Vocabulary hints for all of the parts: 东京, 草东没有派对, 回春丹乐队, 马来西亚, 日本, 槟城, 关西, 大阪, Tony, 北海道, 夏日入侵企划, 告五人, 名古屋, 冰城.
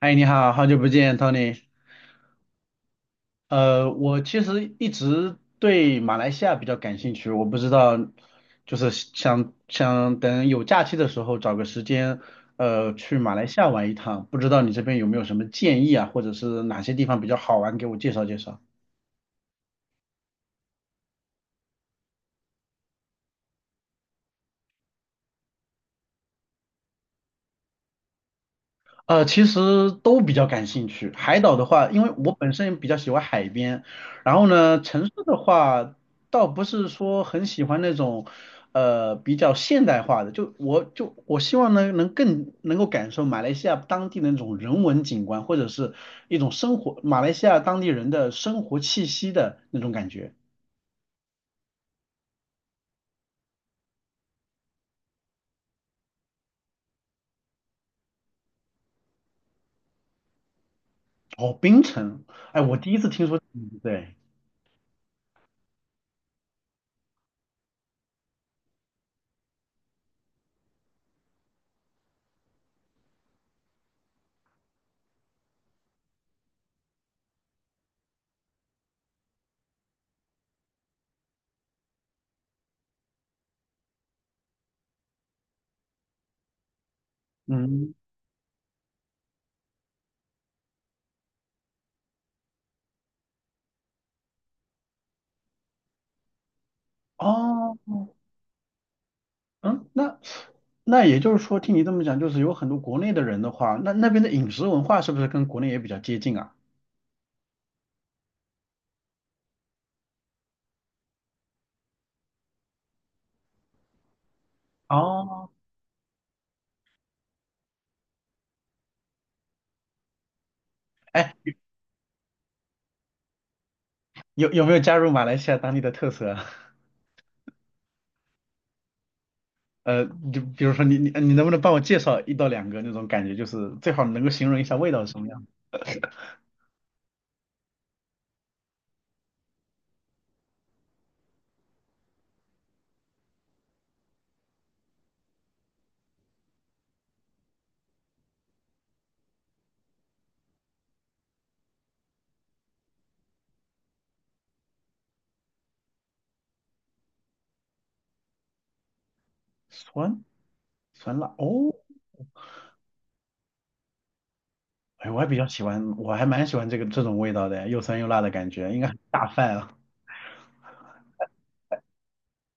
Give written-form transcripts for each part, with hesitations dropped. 嗨，你好，好久不见，Tony。我其实一直对马来西亚比较感兴趣，我不知道，就是想想等有假期的时候找个时间，去马来西亚玩一趟。不知道你这边有没有什么建议啊，或者是哪些地方比较好玩，给我介绍介绍。其实都比较感兴趣。海岛的话，因为我本身比较喜欢海边，然后呢，城市的话，倒不是说很喜欢那种，比较现代化的。就我希望呢，能更能够感受马来西亚当地的那种人文景观，或者是一种生活，马来西亚当地人的生活气息的那种感觉。哦，槟城，哎，我第一次听说，对，嗯，哦。嗯，那那也就是说，听你这么讲，就是有很多国内的人的话，那那边的饮食文化是不是跟国内也比较接近啊？哦，哎，有没有加入马来西亚当地的特色啊 呃，就比如说你能不能帮我介绍一到两个那种感觉，就是最好能够形容一下味道是什么样？酸酸辣哦，哎，我还比较喜欢，我还蛮喜欢这个这种味道的，又酸又辣的感觉，应该很下饭啊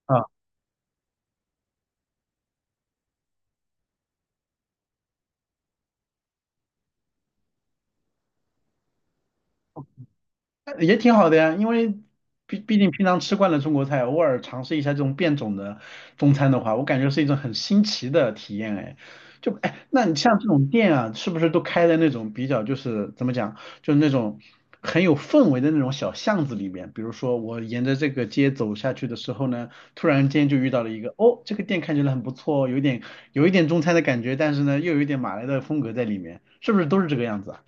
啊。也挺好的呀，因为毕竟平常吃惯了中国菜，偶尔尝试一下这种变种的中餐的话，我感觉是一种很新奇的体验哎。就哎，那你像这种店啊，是不是都开在那种比较就是怎么讲，就是那种很有氛围的那种小巷子里面？比如说我沿着这个街走下去的时候呢，突然间就遇到了一个，哦，这个店看起来很不错哦，有一点中餐的感觉，但是呢又有一点马来的风格在里面，是不是都是这个样子啊？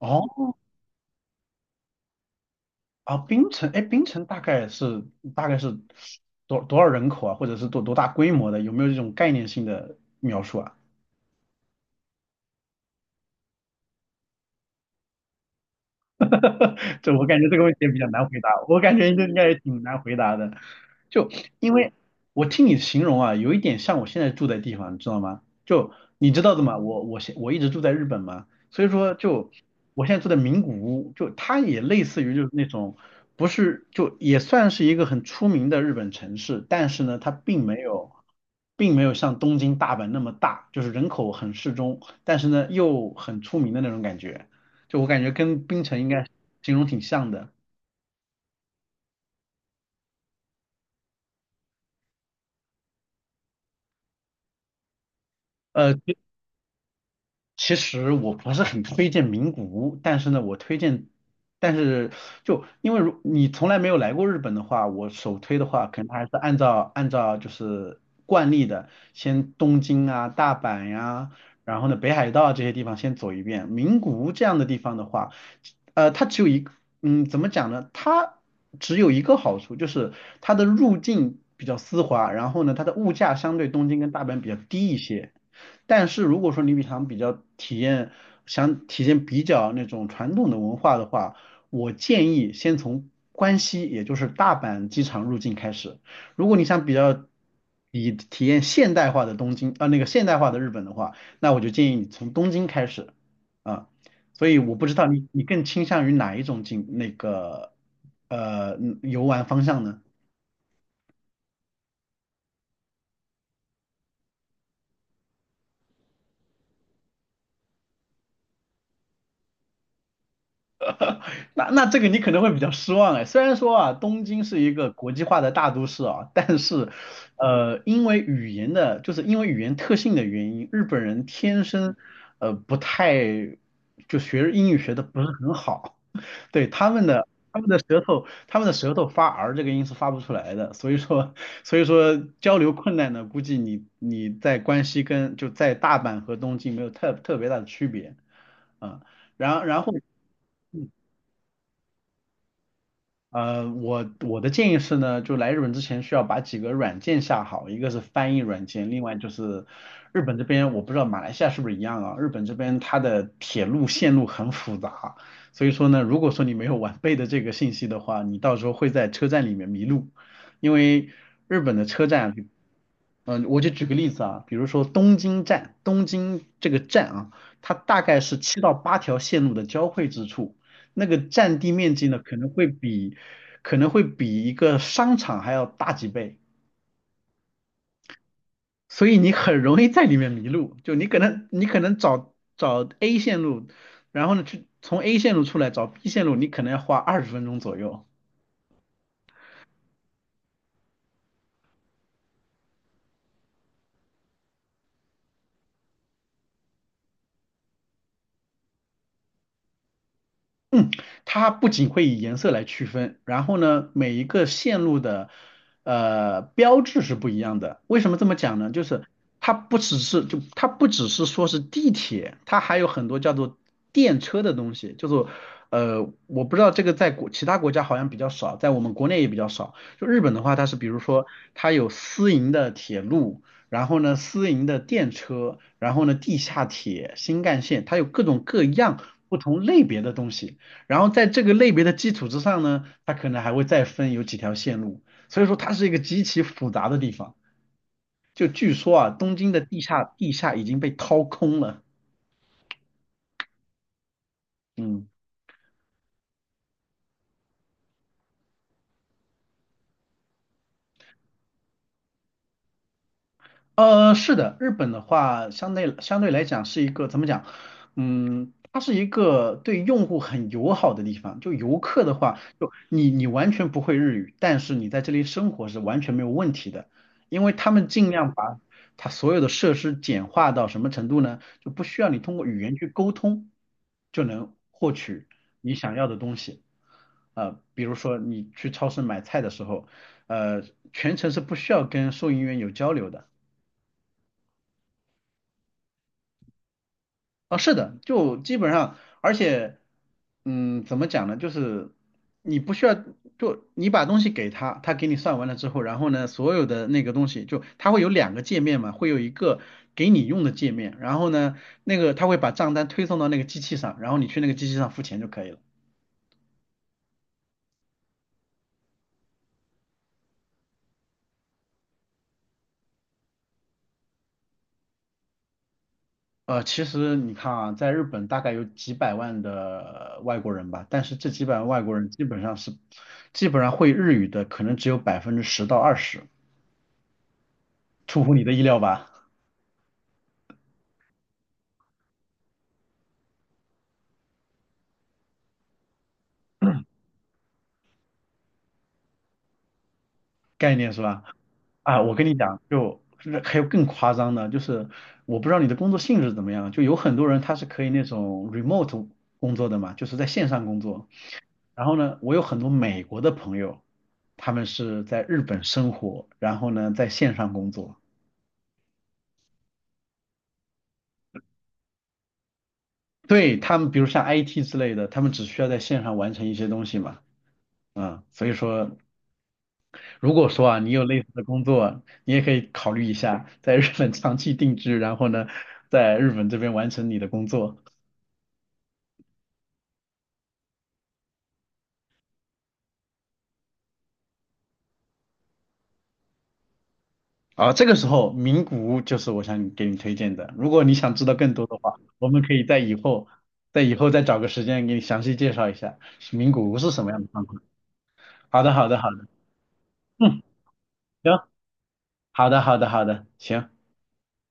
哦。啊，冰城，哎，冰城大概是多少人口啊，或者是多大规模的？有没有这种概念性的描述啊？这我感觉这个问题也比较难回答，我感觉应该也挺难回答的。就因为我听你形容啊，有一点像我现在住的地方，你知道吗？就你知道的嘛，我一直住在日本嘛，所以说就我现在住在名古屋，就它也类似于就是那种不是就也算是一个很出名的日本城市，但是呢，它并没有像东京、大阪那么大，就是人口很适中，但是呢又很出名的那种感觉。就我感觉跟冰城应该形容挺像的。呃，其实我不是很推荐名古屋，但是呢，我推荐，但是就因为如你从来没有来过日本的话，我首推的话，可能还是按照就是惯例的，先东京啊、大阪呀、然后呢北海道这些地方先走一遍。名古屋这样的地方的话，它只有一个，嗯，怎么讲呢？它只有一个好处，就是它的入境比较丝滑，然后呢，它的物价相对东京跟大阪比较低一些。但是如果说你比较体验，想体验比较那种传统的文化的话，我建议先从关西，也就是大阪机场入境开始。如果你想比较以体验现代化的东京，那个现代化的日本的话，那我就建议你从东京开始啊。所以我不知道你你更倾向于哪一种景那个游玩方向呢？那那这个你可能会比较失望哎，虽然说啊，东京是一个国际化的大都市啊，但是，因为语言的，就是因为语言特性的原因，日本人天生，不太，就学英语学的不是很好，对，他们的舌头发 R 这个音是发不出来的，所以说交流困难呢，估计你在关西跟就在大阪和东京没有特别大的区别啊，然后。我的建议是呢，就来日本之前需要把几个软件下好，一个是翻译软件，另外就是日本这边我不知道马来西亚是不是一样啊，日本这边它的铁路线路很复杂，所以说呢，如果说你没有完备的这个信息的话，你到时候会在车站里面迷路，因为日本的车站，我就举个例子啊，比如说东京站，东京这个站啊，它大概是7到8条线路的交汇之处。那个占地面积呢，可能会比一个商场还要大几倍，所以你很容易在里面迷路。就你可能找找 A 线路，然后呢去从 A 线路出来找 B 线路，你可能要花20分钟左右。嗯，它不仅会以颜色来区分，然后呢，每一个线路的标志是不一样的。为什么这么讲呢？就是它不只是说是地铁，它还有很多叫做电车的东西，叫做我不知道这个在其他国家好像比较少，在我们国内也比较少。就日本的话，它是比如说它有私营的铁路，然后呢私营的电车，然后呢地下铁、新干线，它有各种各样不同类别的东西。然后在这个类别的基础之上呢，它可能还会再分有几条线路，所以说它是一个极其复杂的地方。就据说啊，东京的地下已经被掏空了，嗯。是的，日本的话，相对来讲是一个怎么讲？嗯，它是一个对用户很友好的地方。就游客的话，就你完全不会日语，但是你在这里生活是完全没有问题的，因为他们尽量把它所有的设施简化到什么程度呢？就不需要你通过语言去沟通就能获取你想要的东西。比如说你去超市买菜的时候，呃，全程是不需要跟收银员有交流的。啊，是的，就基本上，而且，嗯，怎么讲呢？就是你不需要，就你把东西给他，他给你算完了之后，然后呢，所有的那个东西，就他会有两个界面嘛，会有一个给你用的界面，然后呢，那个他会把账单推送到那个机器上，然后你去那个机器上付钱就可以了。其实你看啊，在日本大概有几百万的外国人吧，但是这几百万外国人基本上会日语的可能只有10%到20%，出乎你的意料吧？概念是吧？啊，我跟你讲，就是还有更夸张的，就是我不知道你的工作性质怎么样，就有很多人他是可以那种 remote 工作的嘛，就是在线上工作。然后呢，我有很多美国的朋友，他们是在日本生活，然后呢在线上工作。对，他们比如像 IT 之类的，他们只需要在线上完成一些东西嘛，嗯，所以说如果说啊，你有类似的工作，你也可以考虑一下在日本长期定居，然后呢，在日本这边完成你的工作。啊，这个时候名古屋就是我想给你推荐的。如果你想知道更多的话，我们可以在以后，在以后再找个时间给你详细介绍一下名古屋是什么样的状况。好的，好的，好的，嗯，行，好的，好的，好的，行。